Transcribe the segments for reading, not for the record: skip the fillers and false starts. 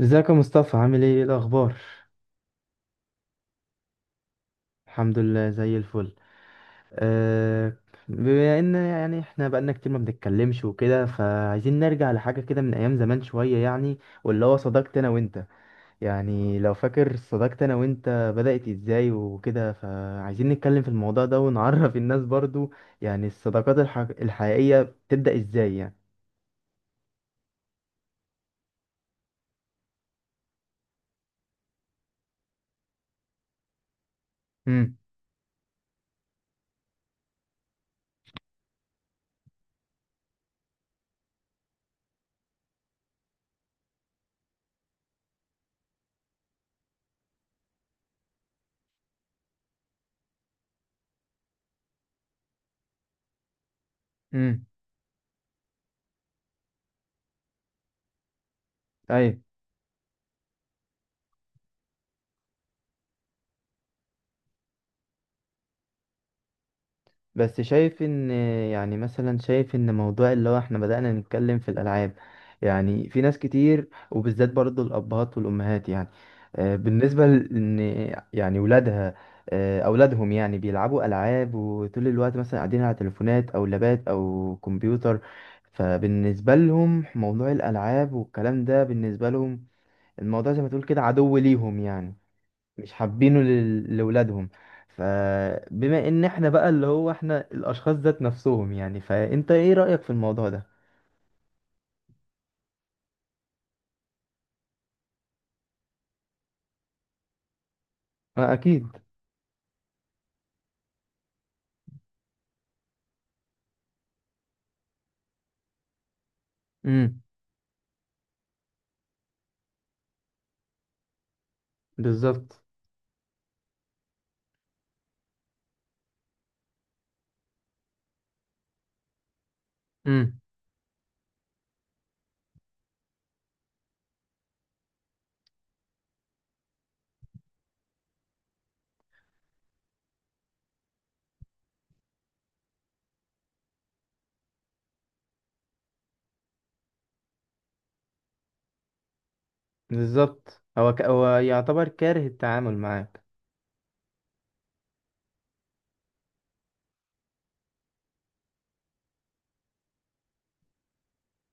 ازيك يا مصطفى؟ عامل ايه الاخبار؟ الحمد لله زي الفل. أه بما ان احنا بقالنا كتير ما بنتكلمش وكده، فعايزين نرجع لحاجه كده من ايام زمان شويه، يعني. واللي هو صداقتي انا وانت، يعني. لو فاكر صداقتي انا وانت بدأت ازاي وكده، فعايزين نتكلم في الموضوع ده ونعرف الناس برضو، يعني الصداقات الحقيقيه بتبدأ ازاي يعني. امم. امم. بس شايف ان، يعني مثلا شايف ان موضوع اللي هو احنا بدأنا نتكلم في الألعاب، يعني في ناس كتير، وبالذات برضو الأبهات والأمهات، يعني آه، بالنسبة لأن يعني ولادها، آه، أولادهم يعني بيلعبوا ألعاب وطول الوقت مثلا قاعدين على تليفونات أو لابات أو كمبيوتر. فبالنسبة لهم موضوع الألعاب والكلام ده، بالنسبة لهم الموضوع زي ما تقول كده عدو ليهم، يعني مش حابينه لولادهم. فبما ان احنا بقى اللي هو احنا الاشخاص ذات نفسهم، يعني فانت ايه رأيك في الموضوع ده؟ آه، اكيد. امم. بالظبط. امم. بالظبط. هو هو يعتبر كاره التعامل معاه.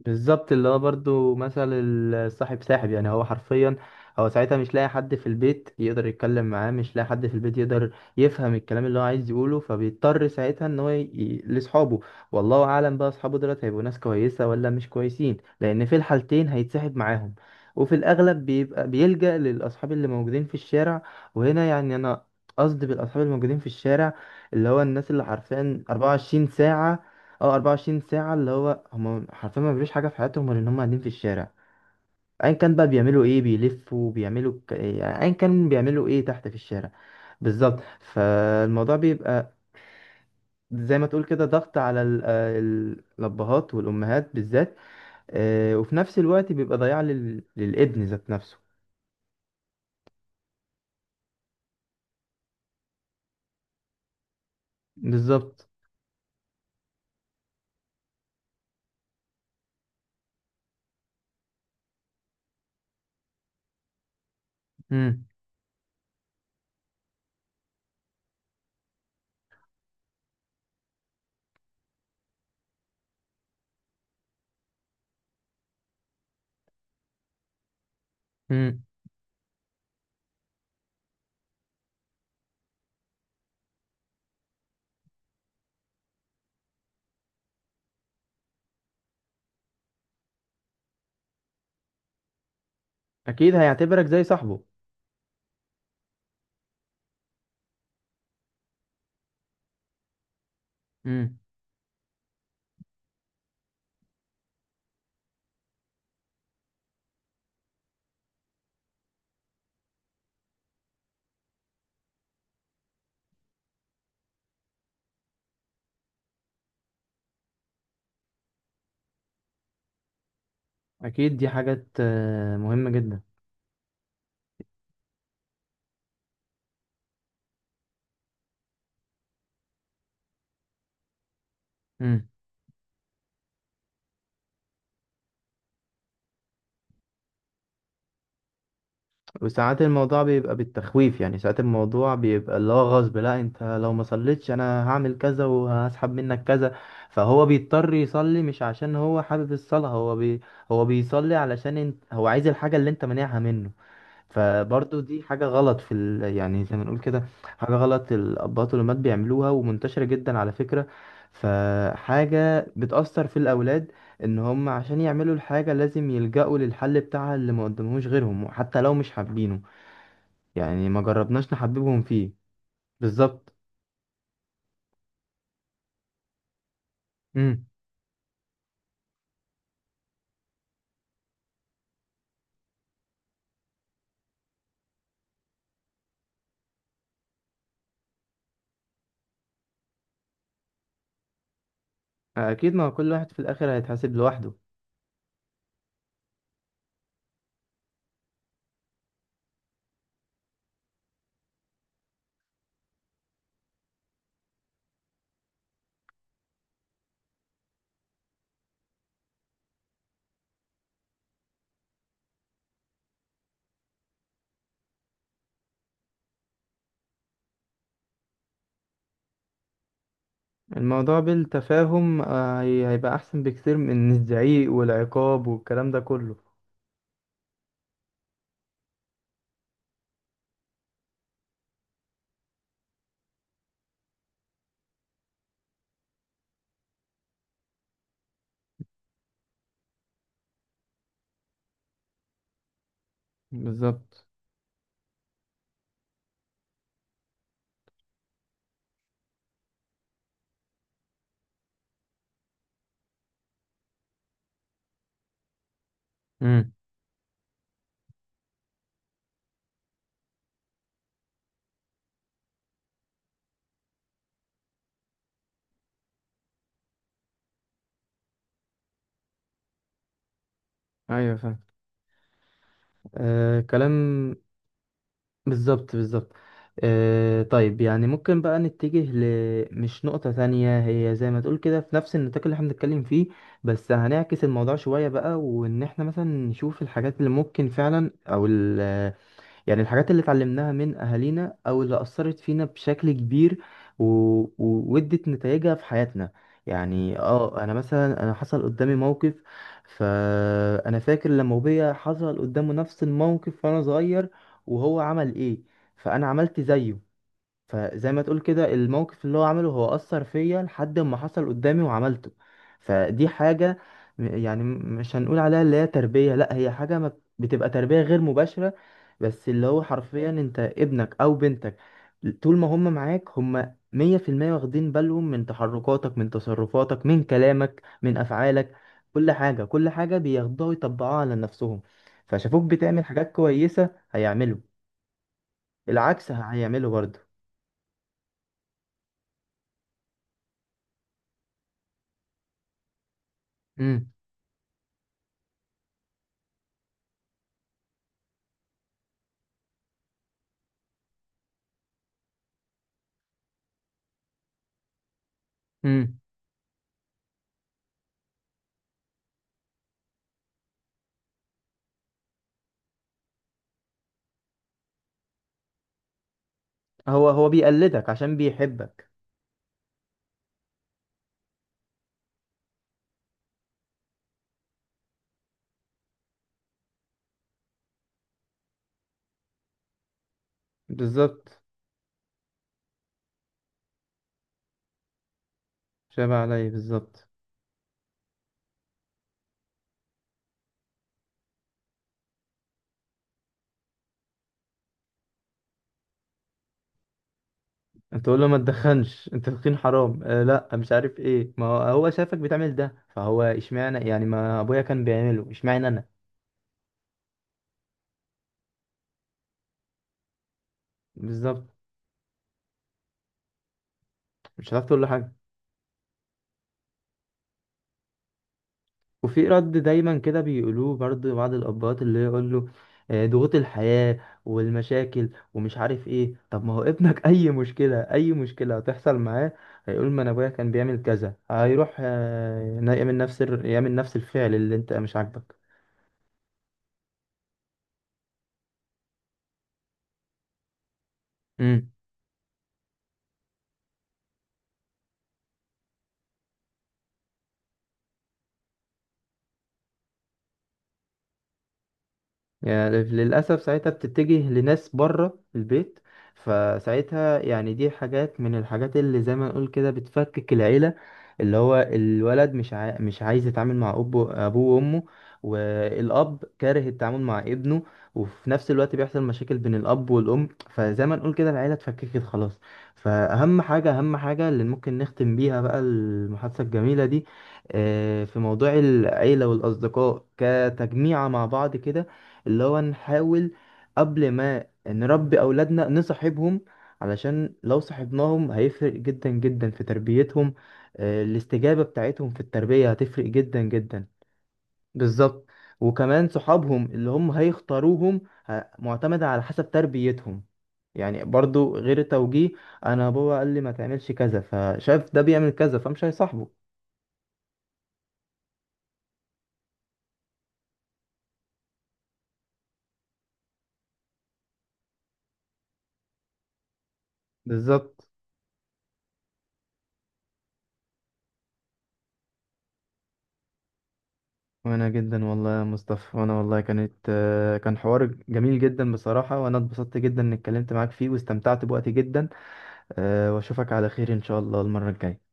بالظبط. اللي هو برضو مثل الصاحب ساحب، يعني هو حرفيا هو ساعتها مش لاقي حد في البيت يقدر يتكلم معاه، مش لاقي حد في البيت يقدر يفهم الكلام اللي هو عايز يقوله، فبيضطر ساعتها ان هو لاصحابه. والله اعلم بقى اصحابه دولت هيبقوا ناس كويسة ولا مش كويسين، لان في الحالتين هيتسحب معاهم. وفي الاغلب بيبقى بيلجأ للاصحاب اللي موجودين في الشارع. وهنا يعني انا قصدي بالاصحاب الموجودين في الشارع اللي هو الناس اللي حرفيا 24 ساعة. اه، 24 ساعة اللي هو هم حرفيا ما بيعملوش حاجة في حياتهم غير ان هم قاعدين في الشارع. ايا كان بقى بيعملوا ايه، بيلفوا، بيعملوا يعني ايا كان بيعملوا ايه تحت في الشارع. بالظبط. فالموضوع بيبقى زي ما تقول كده ضغط على آه الابهات والامهات بالذات. آه، وفي نفس الوقت بيبقى ضياع للابن ذات نفسه. بالظبط. امم. امم. اكيد هيعتبرك زي صاحبه. امم. اكيد دي حاجات آه، مهمة جدا. وساعات الموضوع بيبقى بالتخويف، يعني ساعات الموضوع بيبقى اللي هو غصب. لا انت لو ما صليتش انا هعمل كذا وهسحب منك كذا. فهو بيضطر يصلي مش عشان هو حابب الصلاة، هو بي، هو بيصلي علشان انت، هو عايز الحاجة اللي انت مانعها منه. فبرضه دي حاجة غلط في يعني زي ما نقول كده حاجة غلط الأباء والأمهات بيعملوها، ومنتشرة جدا على فكرة. فحاجة بتأثر في الأولاد ان هم عشان يعملوا الحاجة لازم يلجأوا للحل بتاعها اللي ما قدمهوش غيرهم حتى لو مش حابينه. يعني ما جربناش نحببهم فيه. بالظبط. امم. اكيد، ما كل واحد في الاخر هيتحاسب لوحده. الموضوع بالتفاهم آه، هيبقى احسن بكتير من الزعيق والعقاب والكلام ده كله. بالظبط. امم. ايوه فاهم. آه كلام. بالظبط، بالظبط. آه طيب، يعني ممكن بقى نتجه ل، مش نقطة تانية هي زي ما تقول كده في نفس النطاق اللي احنا بنتكلم فيه، بس هنعكس الموضوع شوية بقى، وإن إحنا مثلا نشوف الحاجات اللي ممكن فعلا أو ال، يعني الحاجات اللي اتعلمناها من أهالينا أو اللي أثرت فينا بشكل كبير و... و- وادت نتائجها في حياتنا. يعني اه انا مثلا حصل قدامي موقف، فانا فاكر لما ابويا حصل قدامه نفس الموقف وانا صغير وهو عمل ايه، فانا عملت زيه. فزي ما تقول كده الموقف اللي هو عمله هو أثر فيا لحد ما حصل قدامي وعملته. فدي حاجة مش هنقول عليها اللي هي تربية، لا، هي حاجة ما، بتبقى تربية غير مباشرة. بس اللي هو حرفيا انت ابنك او بنتك طول ما هم معاك هم مية في المية واخدين بالهم من تحركاتك، من تصرفاتك، من كلامك، من أفعالك. كل حاجة، كل حاجة بياخدوها ويطبقوها على نفسهم. فشافوك بتعمل حاجات كويسة هيعملوا، العكس هيعملوا برضه. امم. هو بيقلدك عشان بيحبك. بالظبط. شبه عليا، بالظبط. انت تقول له ما تدخنش، انت تدخين حرام آه لا مش عارف ايه، ما هو هو شافك بتعمل ده، فهو اشمعنى؟ يعني ما ابويا كان بيعمله اشمعنى انا؟ بالظبط. مش هتعرف تقول له حاجه. وفي رد دايما كده بيقولوه برضه بعض الابهات، اللي يقول له آه، ضغوط الحياة والمشاكل ومش عارف ايه. طب ما هو ابنك اي مشكلة، اي مشكلة هتحصل معاه هيقول ما انا ابويا كان بيعمل كذا، هيروح آه، يعمل نفس يعمل نفس الفعل اللي انت مش عاجبك. يعني للأسف ساعتها بتتجه لناس بره البيت. فساعتها يعني دي حاجات من الحاجات اللي زي ما نقول كده بتفكك العيلة. اللي هو الولد مش عايز يتعامل مع أبوه، أبوه وأمه، والأب كاره التعامل مع ابنه، وفي نفس الوقت بيحصل مشاكل بين الأب والأم، فزي ما نقول كده العيلة اتفككت خلاص. فأهم حاجة، أهم حاجة اللي ممكن نختم بيها بقى المحادثة الجميلة دي، آه، في موضوع العيلة والأصدقاء كتجميعة مع بعض كده، اللي هو نحاول قبل ما نربي أولادنا نصاحبهم، علشان لو صاحبناهم هيفرق جدا جدا في تربيتهم. آه، الاستجابة بتاعتهم في التربية هتفرق جدا جدا. بالظبط. وكمان صحابهم اللي هم هيختاروهم معتمدة على حسب تربيتهم، يعني برضو غير التوجيه. انا بابا قال لي ما تعملش كذا، فشاف ده بيعمل كذا فمش هيصاحبه. بالظبط. وانا جدا والله يا مصطفى، وانا والله كانت آه، كان حوار جميل جدا بصراحة، وانا اتبسطت جدا اني اتكلمت معاك فيه واستمتعت بوقتي جدا. آه، واشوفك على خير ان شاء الله المرة الجاية.